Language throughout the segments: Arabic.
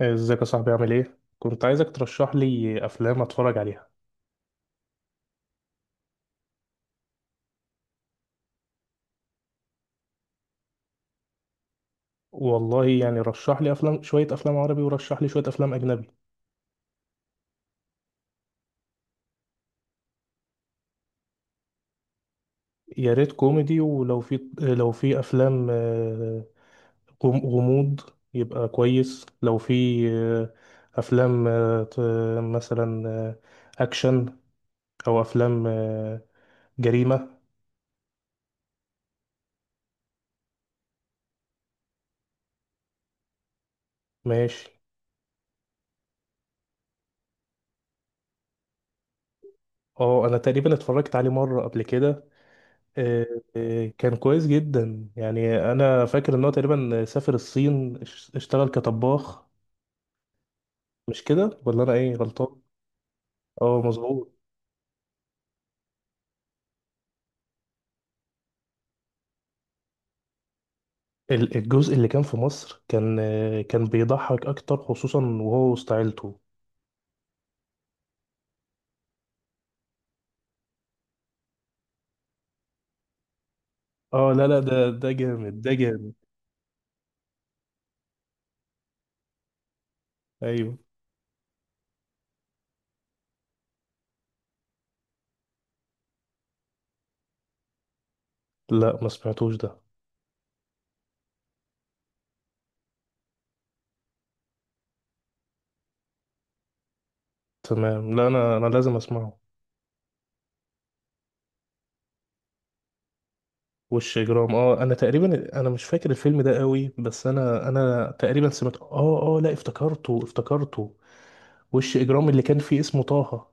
ازيك يا صاحبي؟ عامل ايه؟ كنت عايزك ترشح لي افلام اتفرج عليها. والله يعني رشح لي افلام، شوية افلام عربي ورشح لي شوية افلام اجنبي. يا ريت كوميدي، ولو في لو في افلام غموض يبقى كويس. لو في افلام مثلا اكشن او افلام جريمة. ماشي. اه، انا تقريبا اتفرجت عليه مرة قبل كده. آه، كان كويس جدا. يعني انا فاكر ان هو تقريبا سافر الصين اشتغل كطباخ. مش كده ولا انا ايه غلطان؟ اه مظبوط. الجزء اللي كان في مصر كان، كان بيضحك اكتر، خصوصا وهو وسط عيلته. اه لا لا، ده ده جامد، ده جامد. ايوه. لا ما سمعتوش ده. تمام، لا انا لازم اسمعه. وش اجرام، اه انا تقريبا انا مش فاكر الفيلم ده قوي، بس انا تقريبا سمعت اه اه، لا افتكرته افتكرته. وش اجرام اللي كان فيه اسمه طه.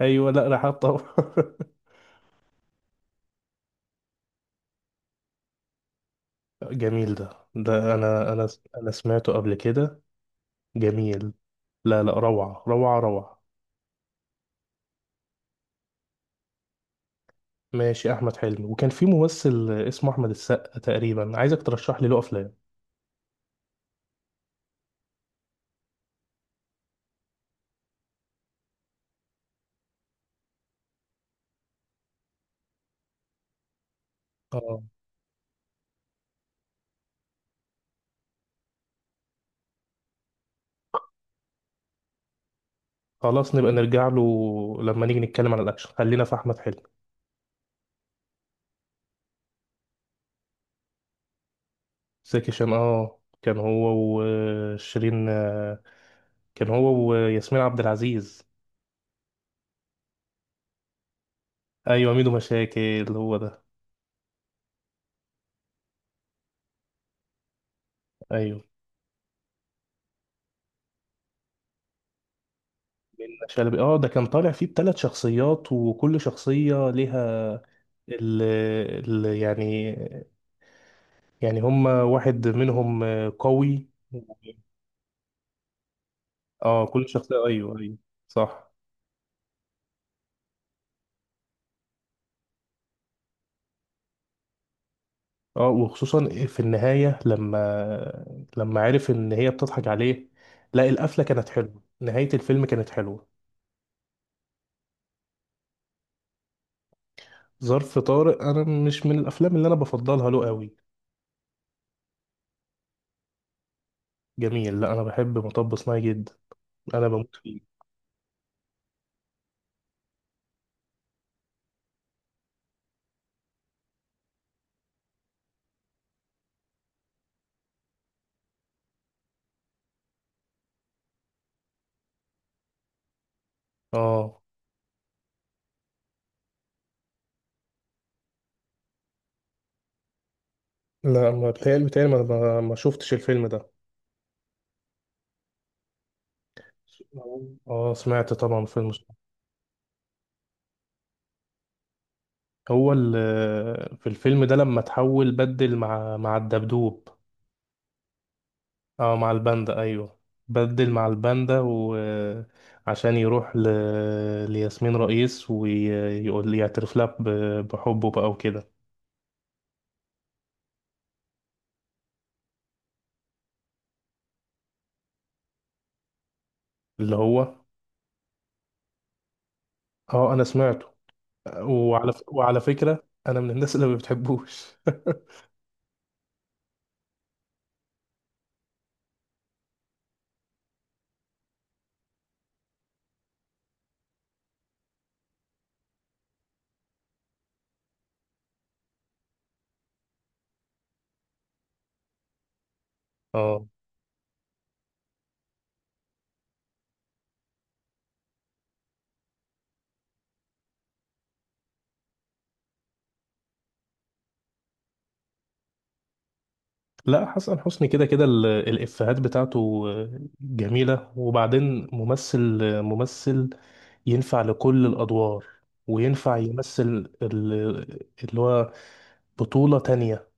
ايوه، لا رحاب طبعا. جميل، ده ده انا انا انا سمعته قبل كده. جميل. لا لا، روعة روعة روعة. ماشي. احمد حلمي، وكان في ممثل اسمه احمد السقا تقريبا، عايزك ترشح لي له افلام. اه. خلاص نبقى نرجع له لما نيجي نتكلم عن الاكشن. خلينا في احمد حلمي. زكي شان، اه كان هو وشيرين، كان هو وياسمين عبد العزيز. ايوه، ميدو مشاكل هو ده. ايوه. من شلبي، اه ده كان طالع فيه بثلاث شخصيات، وكل شخصية ليها ال ال يعني، يعني هم واحد منهم قوي. اه كل شخصية، ايوه ايوه. صح. اه، وخصوصا في النهاية لما عرف ان هي بتضحك عليه. لا، القفلة كانت حلوة، نهاية الفيلم كانت حلوة. ظرف طارق انا مش من الافلام اللي انا بفضلها له قوي. جميل، لا انا بحب مطب صناعي جدا، انا بموت فيه. اه لا، ما بتهيألي بتهيألي ما شفتش الفيلم ده. اه سمعت طبعا فيلم. في الفيلم ده لما تحول بدل مع الدبدوب. اه مع الباندا، ايوه، بدل مع الباندا، وعشان يروح ل... لياسمين رئيس ويقول يعترف لها بحبه بقى وكده. اللي هو. اه انا سمعته. وعلى ف... وعلى فكرة انا من الناس اللي ما بتحبوش. اه. لا، حسن حسني كده كده الإفيهات بتاعته جميلة. وبعدين ممثل، ممثل ينفع لكل الأدوار، وينفع يمثل اللي هو بطولة تانية.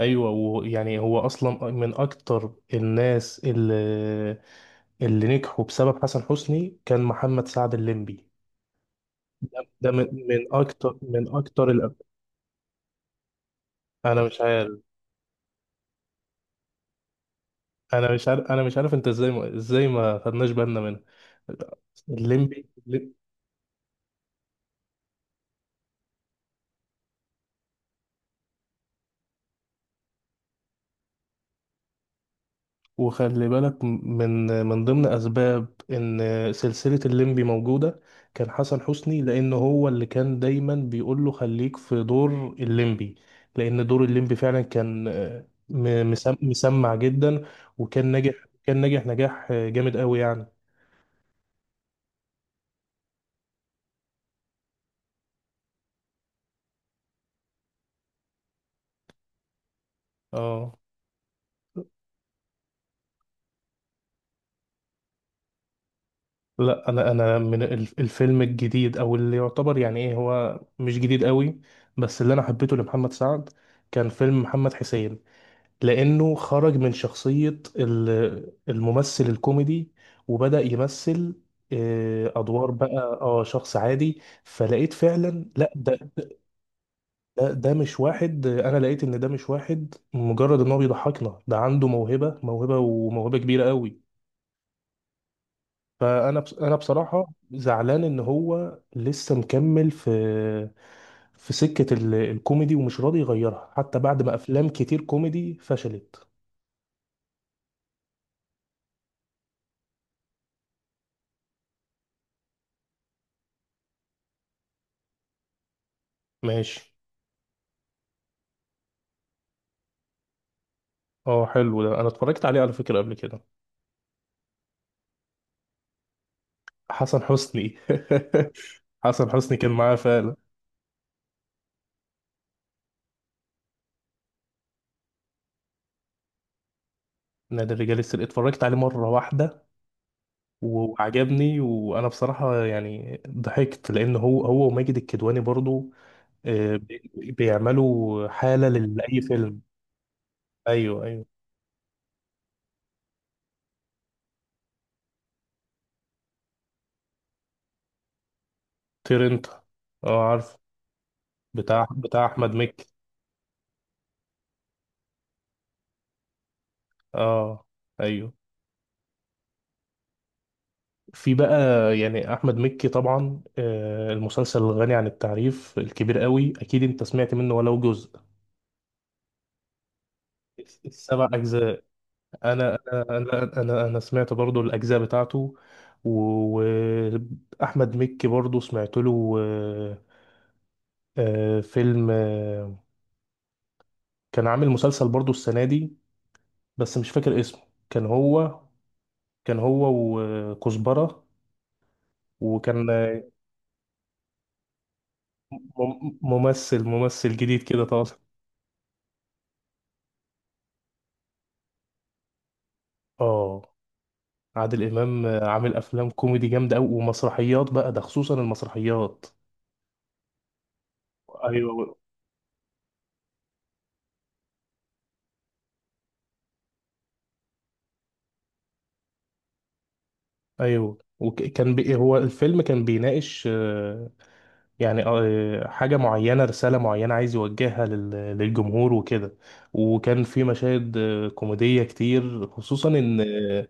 أيوة، ويعني هو أصلا من أكتر الناس اللي، اللي نجحوا بسبب حسن حسني كان محمد سعد الليمبي. ده من من أكتر، من أكتر الأب. أنا مش عارف، أنا مش عارف أنت إزاي، ما إزاي ما خدناش بالنا منها. الليمبي. وخلي بالك، من ضمن اسباب ان سلسله الليمبي موجوده كان حسن حسني، لان هو اللي كان دايما بيقول له خليك في دور الليمبي، لان دور الليمبي فعلا كان، مسمع جدا. وكان ناجح، كان ناجح نجاح جامد قوي يعني. اه لا، انا من الفيلم الجديد، او اللي يعتبر، يعني ايه هو مش جديد قوي، بس اللي انا حبيته لمحمد سعد كان فيلم محمد حسين، لأنه خرج من شخصية الممثل الكوميدي وبدأ يمثل أدوار بقى، اه شخص عادي. فلقيت فعلا، لا ده ده مش واحد. أنا لقيت إن ده مش واحد مجرد إن هو بيضحكنا، ده عنده موهبة، وموهبة كبيرة قوي. فأنا أنا بصراحة زعلان إن هو لسه مكمل في في سكة الكوميدي، ومش راضي يغيرها حتى بعد ما أفلام كتير كوميدي فشلت. ماشي. اه حلو، ده انا اتفرجت عليه على فكرة قبل كده. حسن حسني. حسن حسني كان معاه فعلا. نادي الرجال السري اتفرجت عليه مرة واحدة وعجبني، وانا بصراحة يعني ضحكت، لان هو وماجد الكدواني برضو، آه، بي- بيعملوا حالة لأي فيلم. ايوه ايوه. طير انت، اه عارف، بتاع احمد مكي. اه ايوه. في بقى، يعني احمد مكي طبعا، المسلسل الغني عن التعريف الكبير قوي، اكيد انت سمعت منه ولو جزء. السبع اجزاء، انا أنا سمعت برضو الاجزاء بتاعته. واحمد مكي برضو سمعت له، فيلم كان عامل مسلسل برضو السنه دي، بس مش فاكر اسمه. كان هو كان هو وكزبره، وكان، ممثل جديد كده طالع. اه عادل امام عامل افلام كوميدي جامده قوي، ومسرحيات بقى ده خصوصا المسرحيات. ايوه ايوه. وكان بي، هو الفيلم كان بيناقش، يعني حاجه معينه، رساله معينه عايز يوجهها للجمهور وكده. وكان في مشاهد كوميديه كتير، خصوصا ان آه،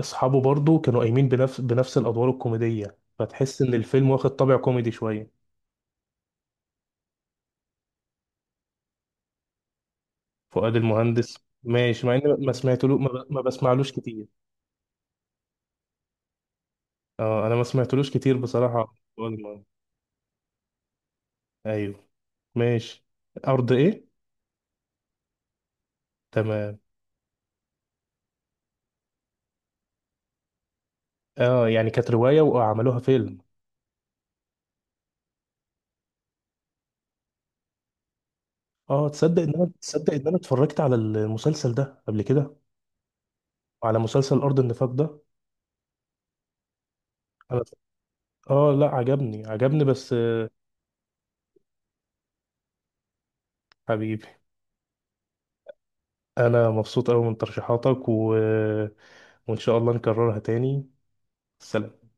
اصحابه برضو كانوا قايمين بنفس الادوار الكوميديه، فتحس ان الفيلم واخد طابع كوميدي شويه. فؤاد المهندس، ماشي، مع اني ما سمعتلو ما بسمعلوش كتير. اه انا ما سمعتلوش كتير بصراحة، أول مرة. ايوه، ماشي. ارض ايه؟ تمام. اه يعني كانت رواية وعملوها فيلم. اه، تصدق ان انا، تصدق ان انا اتفرجت على المسلسل ده قبل كده، على مسلسل ارض النفاق ده. انا، اه لا عجبني عجبني، بس حبيبي انا مبسوط قوي من ترشيحاتك، و... وان شاء الله نكررها تاني. سلام.